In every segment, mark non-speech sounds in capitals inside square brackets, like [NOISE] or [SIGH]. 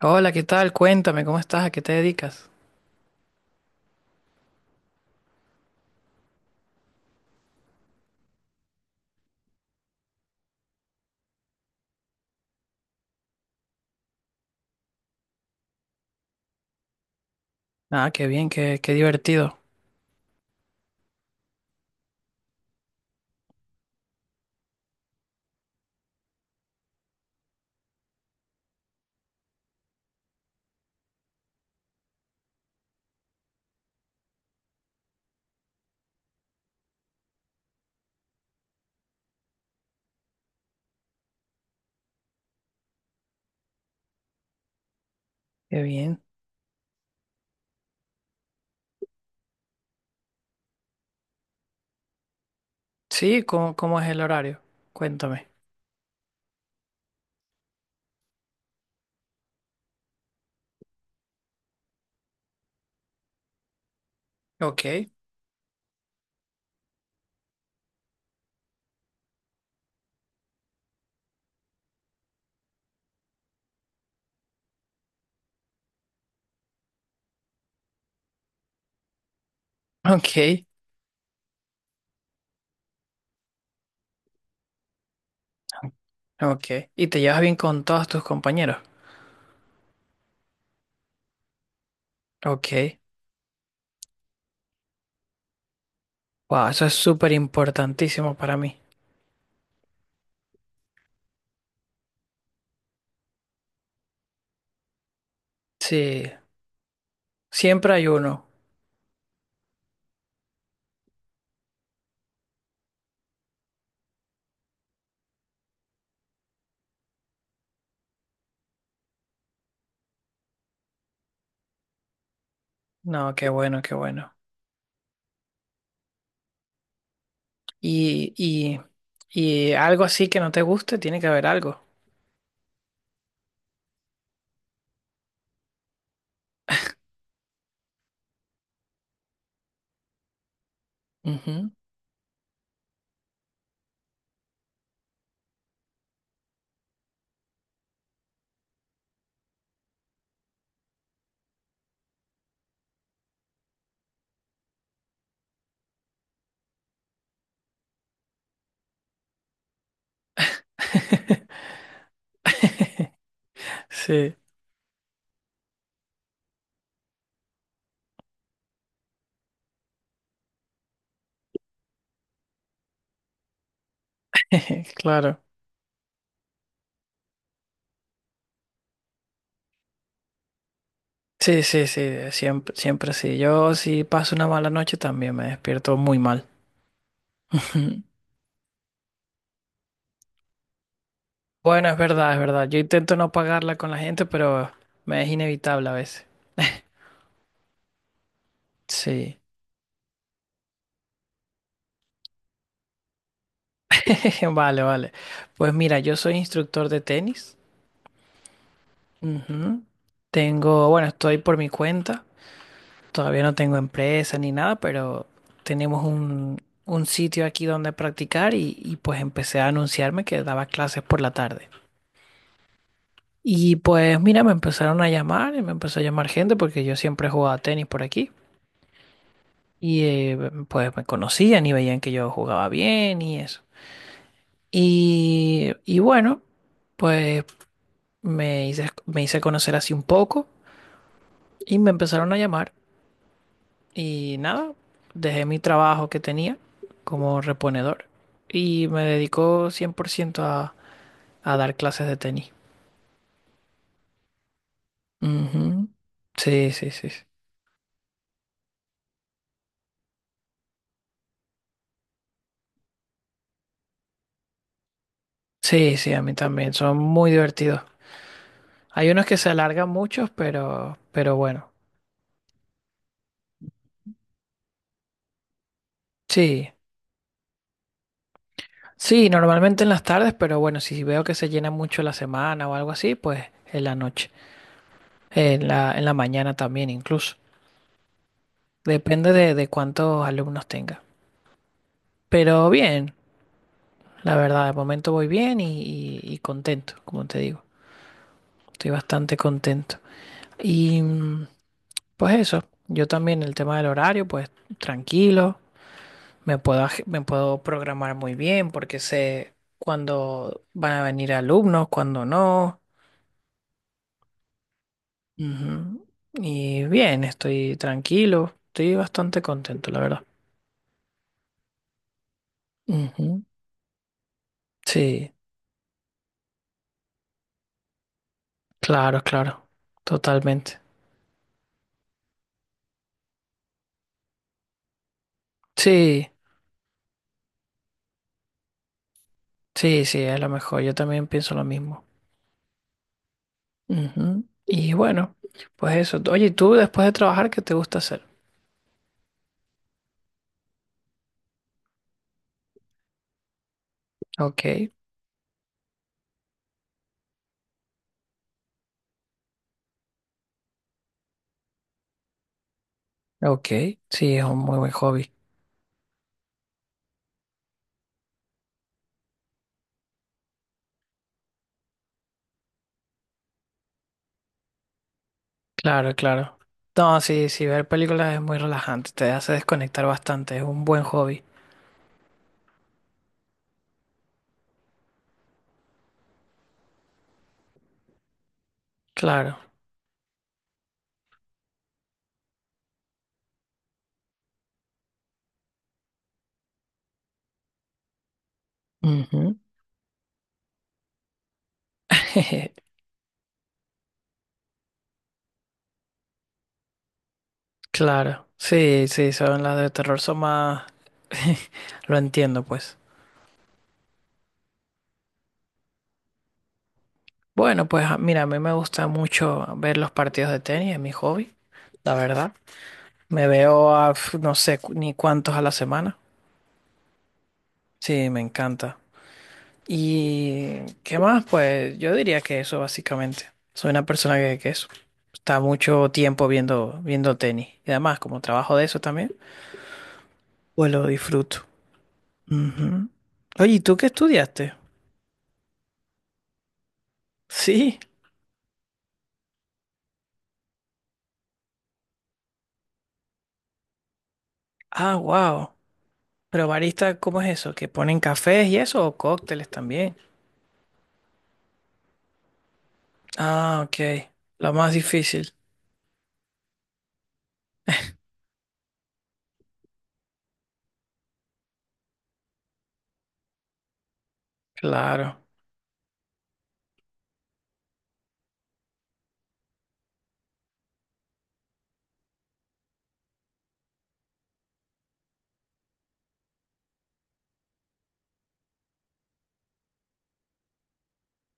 Hola, ¿qué tal? Cuéntame, ¿cómo estás? ¿A qué te dedicas? Ah, qué bien, qué divertido. Qué bien. Sí, ¿cómo es el horario? Cuéntame. Ok, [LAUGHS] ok, ok. ¿Y te llevas bien con todos tus compañeros? Ok. Wow, eso es súper importantísimo para mí. Sí, siempre hay uno. No, qué bueno, qué bueno. Y, y, y algo así que no te guste, tiene que haber algo. Ujú. [LAUGHS] Sí, [LAUGHS] claro. Sí, sí, sí, siempre, siempre sí. Yo si paso una mala noche también me despierto muy mal. [LAUGHS] Bueno, es verdad, es verdad. Yo intento no pagarla con la gente, pero me es inevitable a veces. Sí. [LAUGHS] Vale, vale. Pues mira, yo soy instructor de tenis. Ujú. Tengo, bueno, estoy por mi cuenta. Todavía no tengo empresa ni nada, pero tenemos un sitio aquí donde practicar y pues empecé a anunciarme que daba clases por la tarde. Y pues mira, me empezaron a llamar y me empezó a llamar gente porque yo siempre jugaba tenis por aquí. Y pues me conocían y veían que yo jugaba bien y eso. Y bueno, pues me hice conocer así un poco y me empezaron a llamar. Y nada, dejé mi trabajo que tenía como reponedor y me dedico 100% a dar clases de tenis. Ujú. Sí, sí, sí. Sí, sí, sí, a mí también. Son muy divertidos. Hay unos que se alargan muchos, pero bueno. Sí, sí, normalmente en las tardes, pero bueno, si veo que se llena mucho la semana o algo así, pues en la noche, en la mañana también incluso. Depende de cuántos alumnos tenga. Pero bien, la verdad, de momento voy bien y contento, como te digo. Estoy bastante contento. Y pues eso, yo también el tema del horario, pues tranquilo. Me puedo programar muy bien porque sé cuándo van a venir alumnos, cuándo no. Ujú. Y bien, estoy tranquilo, estoy bastante contento, la verdad. Ujú. Sí, claro, claro, totalmente. Sí, sí, sí, es lo mejor, yo también pienso lo mismo. Ujú. Y bueno, pues eso. Oye, ¿y ¿tú después de trabajar qué te gusta hacer? Ok, ok, sí, es un muy buen hobby. Claro, claro. No, sí, sí, ver películas es muy relajante, te hace desconectar bastante, es un buen hobby. Claro, Ujú. [LAUGHS] claro. Sí, sí, son las de terror, son más... [LAUGHS] Lo entiendo, pues. Bueno, pues mira, a mí me gusta mucho ver los partidos de tenis, es mi hobby, la verdad. Me veo a, pf, ni cuántos a la semana. Sí, me encanta. ¿Y qué más? Pues yo diría que eso básicamente. Soy una persona que eso, está mucho tiempo viendo tenis. Y además, como trabajo de eso también, pues lo disfruto. Ujú. Oye, ¿y tú qué estudiaste? Sí. Ah, wow. Pero barista, ¿cómo es eso? ¿Que ponen cafés y eso o cócteles también? Ah, ok. Lo más difícil. Claro.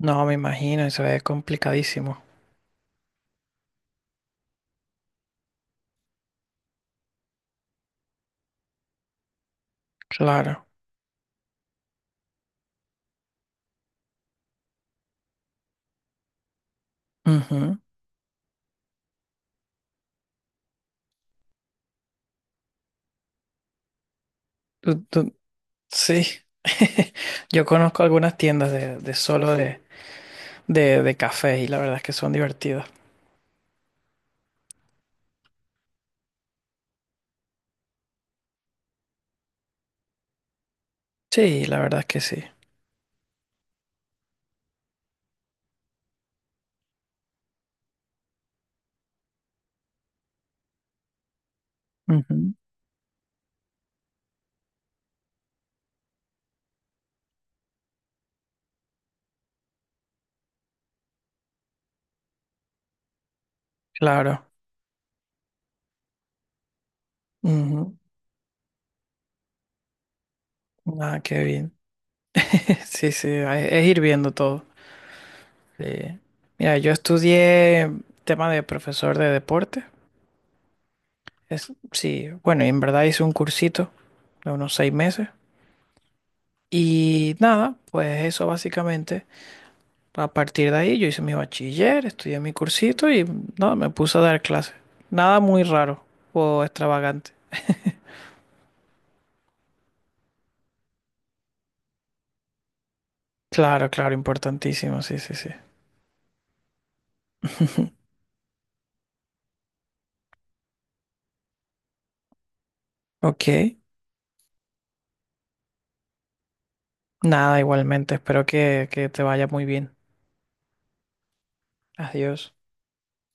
No, me imagino, eso es complicadísimo. Claro. Ujú. ¿Tú, tú- Sí, [LAUGHS] yo conozco algunas tiendas de solo de café y la verdad es que son divertidas. Sí, la verdad es que sí. Ujú, Claro. Ujú. Ah, qué bien. [LAUGHS] Sí, sí, es ir viendo todo. Sí. Mira, yo estudié tema de profesor de deporte. Es, sí, bueno, y en verdad hice un cursito de unos 6 meses. Y nada, pues eso básicamente. A partir de ahí yo hice mi bachiller, estudié mi cursito y no, me puse a dar clases. Nada muy raro o extravagante. Claro, claro, importantísimo, sí, sí, sí. [LAUGHS] Ok, nada, igualmente, espero que te vaya muy bien. Adiós.